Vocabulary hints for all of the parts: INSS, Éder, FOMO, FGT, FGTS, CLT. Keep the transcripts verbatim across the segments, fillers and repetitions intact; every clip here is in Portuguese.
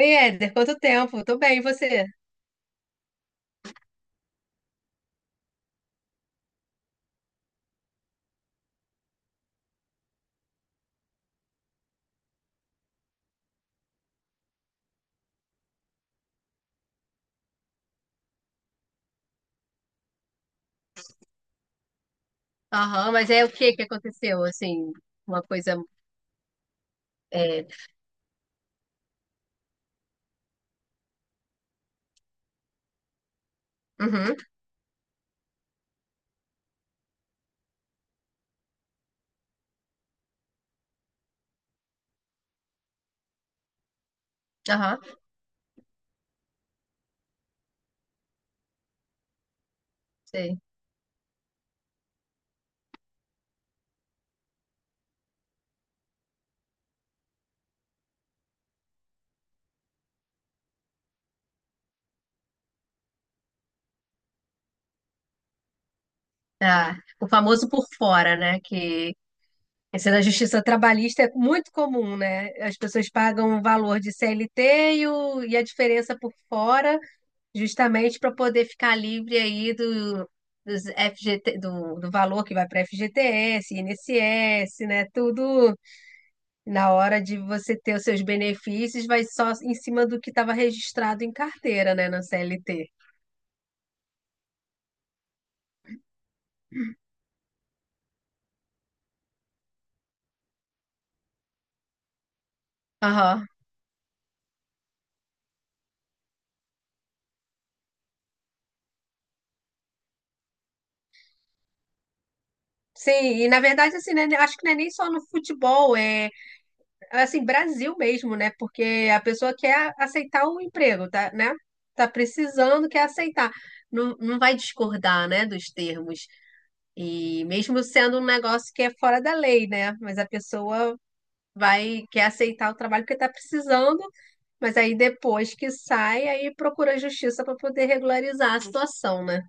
Oi, Éder, quanto tempo? Tô bem, e você? Aham, mas é o que que aconteceu, assim, uma coisa, é, uhum, aham, sei. Ah, o famoso por fora, né, que esse da justiça trabalhista é muito comum, né? As pessoas pagam o valor de C L T e, o- e a diferença por fora, justamente para poder ficar livre aí do, dos F G T, do, do valor que vai para F G T S, I N S S, né? Tudo. Na hora de você ter os seus benefícios, vai só em cima do que estava registrado em carteira, né, na C L T. Aham. Sim, e na verdade, assim, né, acho que não é nem só no futebol, é assim, Brasil mesmo, né? Porque a pessoa quer aceitar o emprego, tá, né? Tá precisando, quer aceitar. Não, não vai discordar, né, dos termos. E mesmo sendo um negócio que é fora da lei, né? Mas a pessoa vai, quer aceitar o trabalho porque tá precisando. Mas aí depois que sai, aí procura a justiça para poder regularizar a situação, né?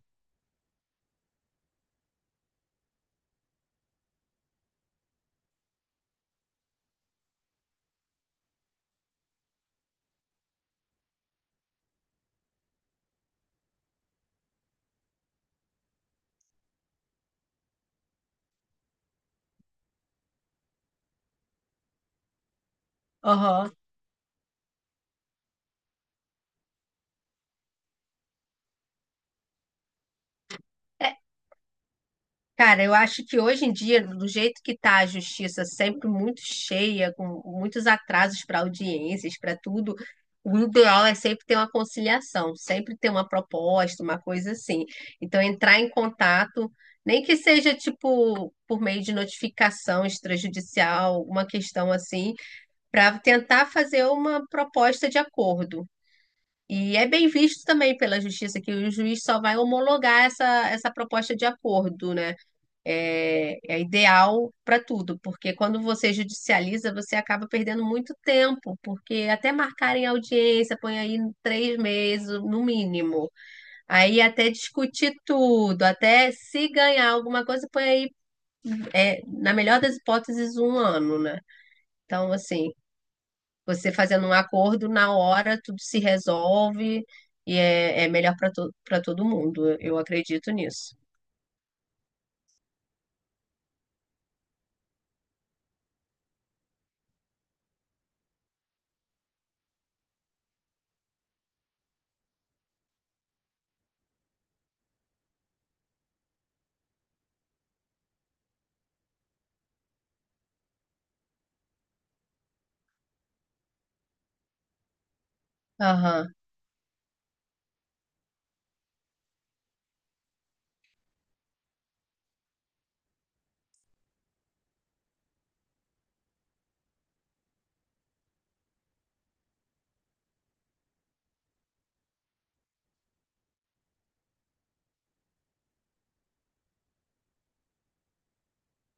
Aham. É, cara, eu acho que hoje em dia, do jeito que tá a justiça, sempre muito cheia, com muitos atrasos para audiências, para tudo, o ideal é sempre ter uma conciliação, sempre ter uma proposta, uma coisa assim. Então, entrar em contato, nem que seja tipo por meio de notificação extrajudicial, uma questão assim, para tentar fazer uma proposta de acordo. E é bem visto também pela justiça que o juiz só vai homologar essa, essa proposta de acordo, né? É, é ideal para tudo, porque quando você judicializa, você acaba perdendo muito tempo, porque até marcarem audiência, põe aí três meses no mínimo. Aí até discutir tudo, até se ganhar alguma coisa, põe aí, é, na melhor das hipóteses, um ano, né? Então, assim, você fazendo um acordo, na hora tudo se resolve e é, é melhor para to para todo mundo. Eu eu acredito nisso. Aham,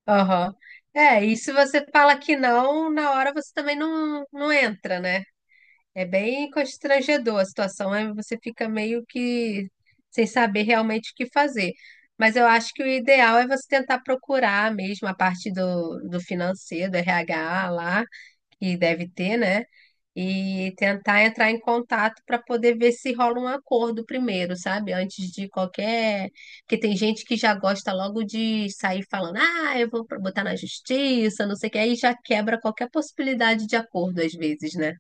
aham. É, e se você fala que não, na hora você também não, não entra, né? É bem constrangedor a situação, né? Você fica meio que sem saber realmente o que fazer. Mas eu acho que o ideal é você tentar procurar mesmo a parte do, do financeiro, do R H lá, que deve ter, né? E tentar entrar em contato para poder ver se rola um acordo primeiro, sabe? Antes de qualquer. Porque tem gente que já gosta logo de sair falando, ah, eu vou botar na justiça, não sei o que, aí já quebra qualquer possibilidade de acordo às vezes, né?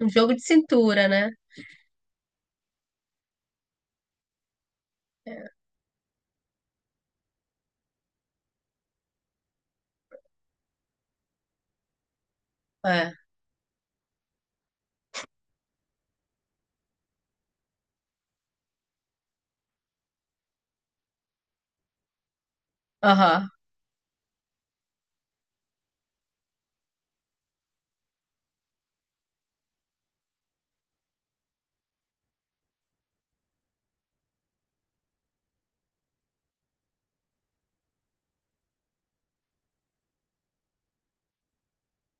Um jogo de cintura, né? É. É. Aham,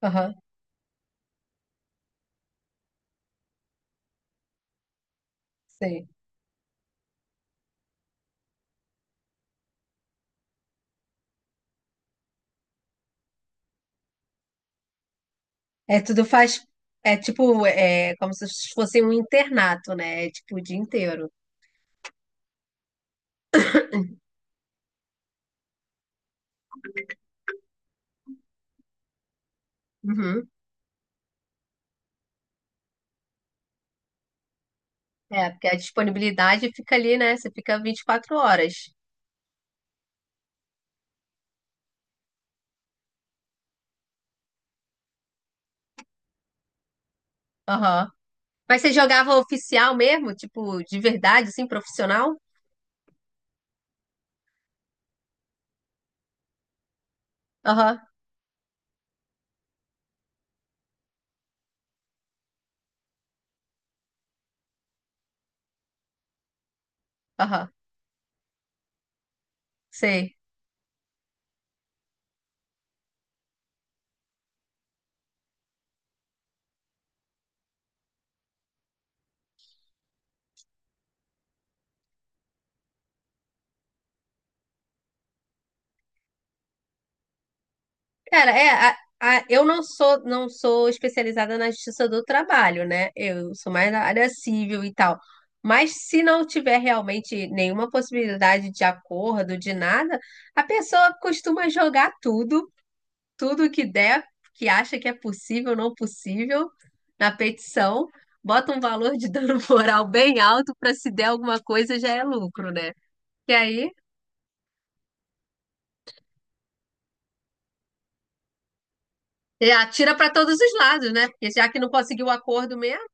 aham, sei. É, tudo faz. É tipo, é como se fosse um internato, né? É tipo o dia inteiro. Uhum. É, porque a disponibilidade fica ali, né? Você fica vinte e quatro horas. Aham. Mas você jogava oficial mesmo? Tipo, de verdade, assim, profissional? Aham, aham, sei. Cara, é, a- a- eu não sou, não sou especializada na justiça do trabalho, né? Eu sou mais na área civil e tal. Mas se não tiver realmente nenhuma possibilidade de acordo, de nada, a pessoa costuma jogar tudo, tudo que der, que acha que é possível, não possível, na petição, bota um valor de dano moral bem alto para se der alguma coisa já é lucro, né? E aí, é, atira para todos os lados, né? Porque já que não conseguiu o acordo mesmo.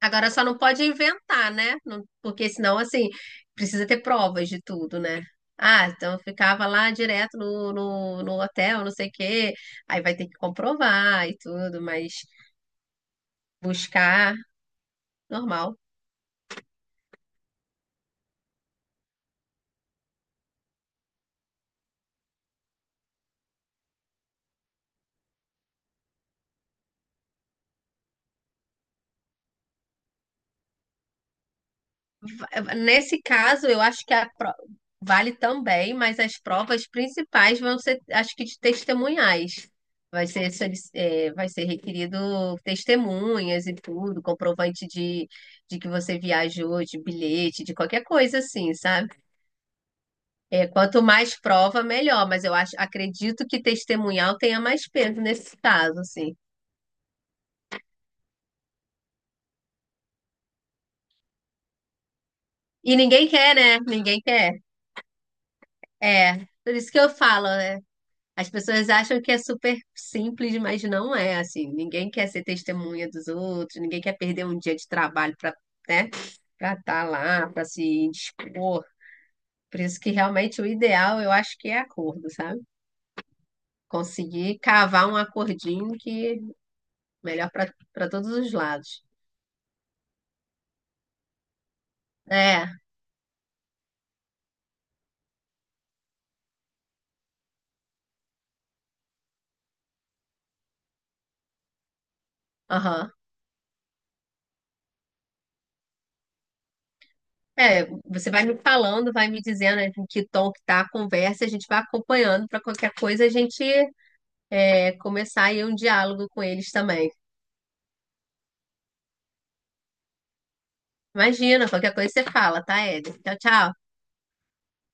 Agora só não pode inventar, né? Não- Porque senão, assim, precisa ter provas de tudo, né? Ah, então eu ficava lá direto no, no, no hotel, não sei o quê. Aí vai ter que comprovar e tudo, mas buscar, normal. Nesse caso, eu acho que a pro- vale também, mas as provas principais vão ser, acho que de testemunhais. Vai ser, solic- é, vai ser requerido testemunhas e tudo, comprovante de, de que você viajou, de bilhete, de qualquer coisa assim, sabe? É, quanto mais prova, melhor, mas eu acho, acredito que testemunhal tenha mais peso nesse caso, assim. E ninguém quer, né? Ninguém quer. É, por isso que eu falo, né? As pessoas acham que é super simples, mas não é assim. Ninguém quer ser testemunha dos outros, ninguém quer perder um dia de trabalho para, né, para estar lá, para se indispor. Por isso que realmente o ideal eu acho que é acordo, sabe? Conseguir cavar um acordinho que é melhor para para todos os lados. É, aham. É, você vai me falando, vai me dizendo em que tom que tá a conversa, a gente vai acompanhando para qualquer coisa a gente é, começar aí um diálogo com eles também. Imagina, qualquer coisa você fala, tá, Éder? Tchau, tchau.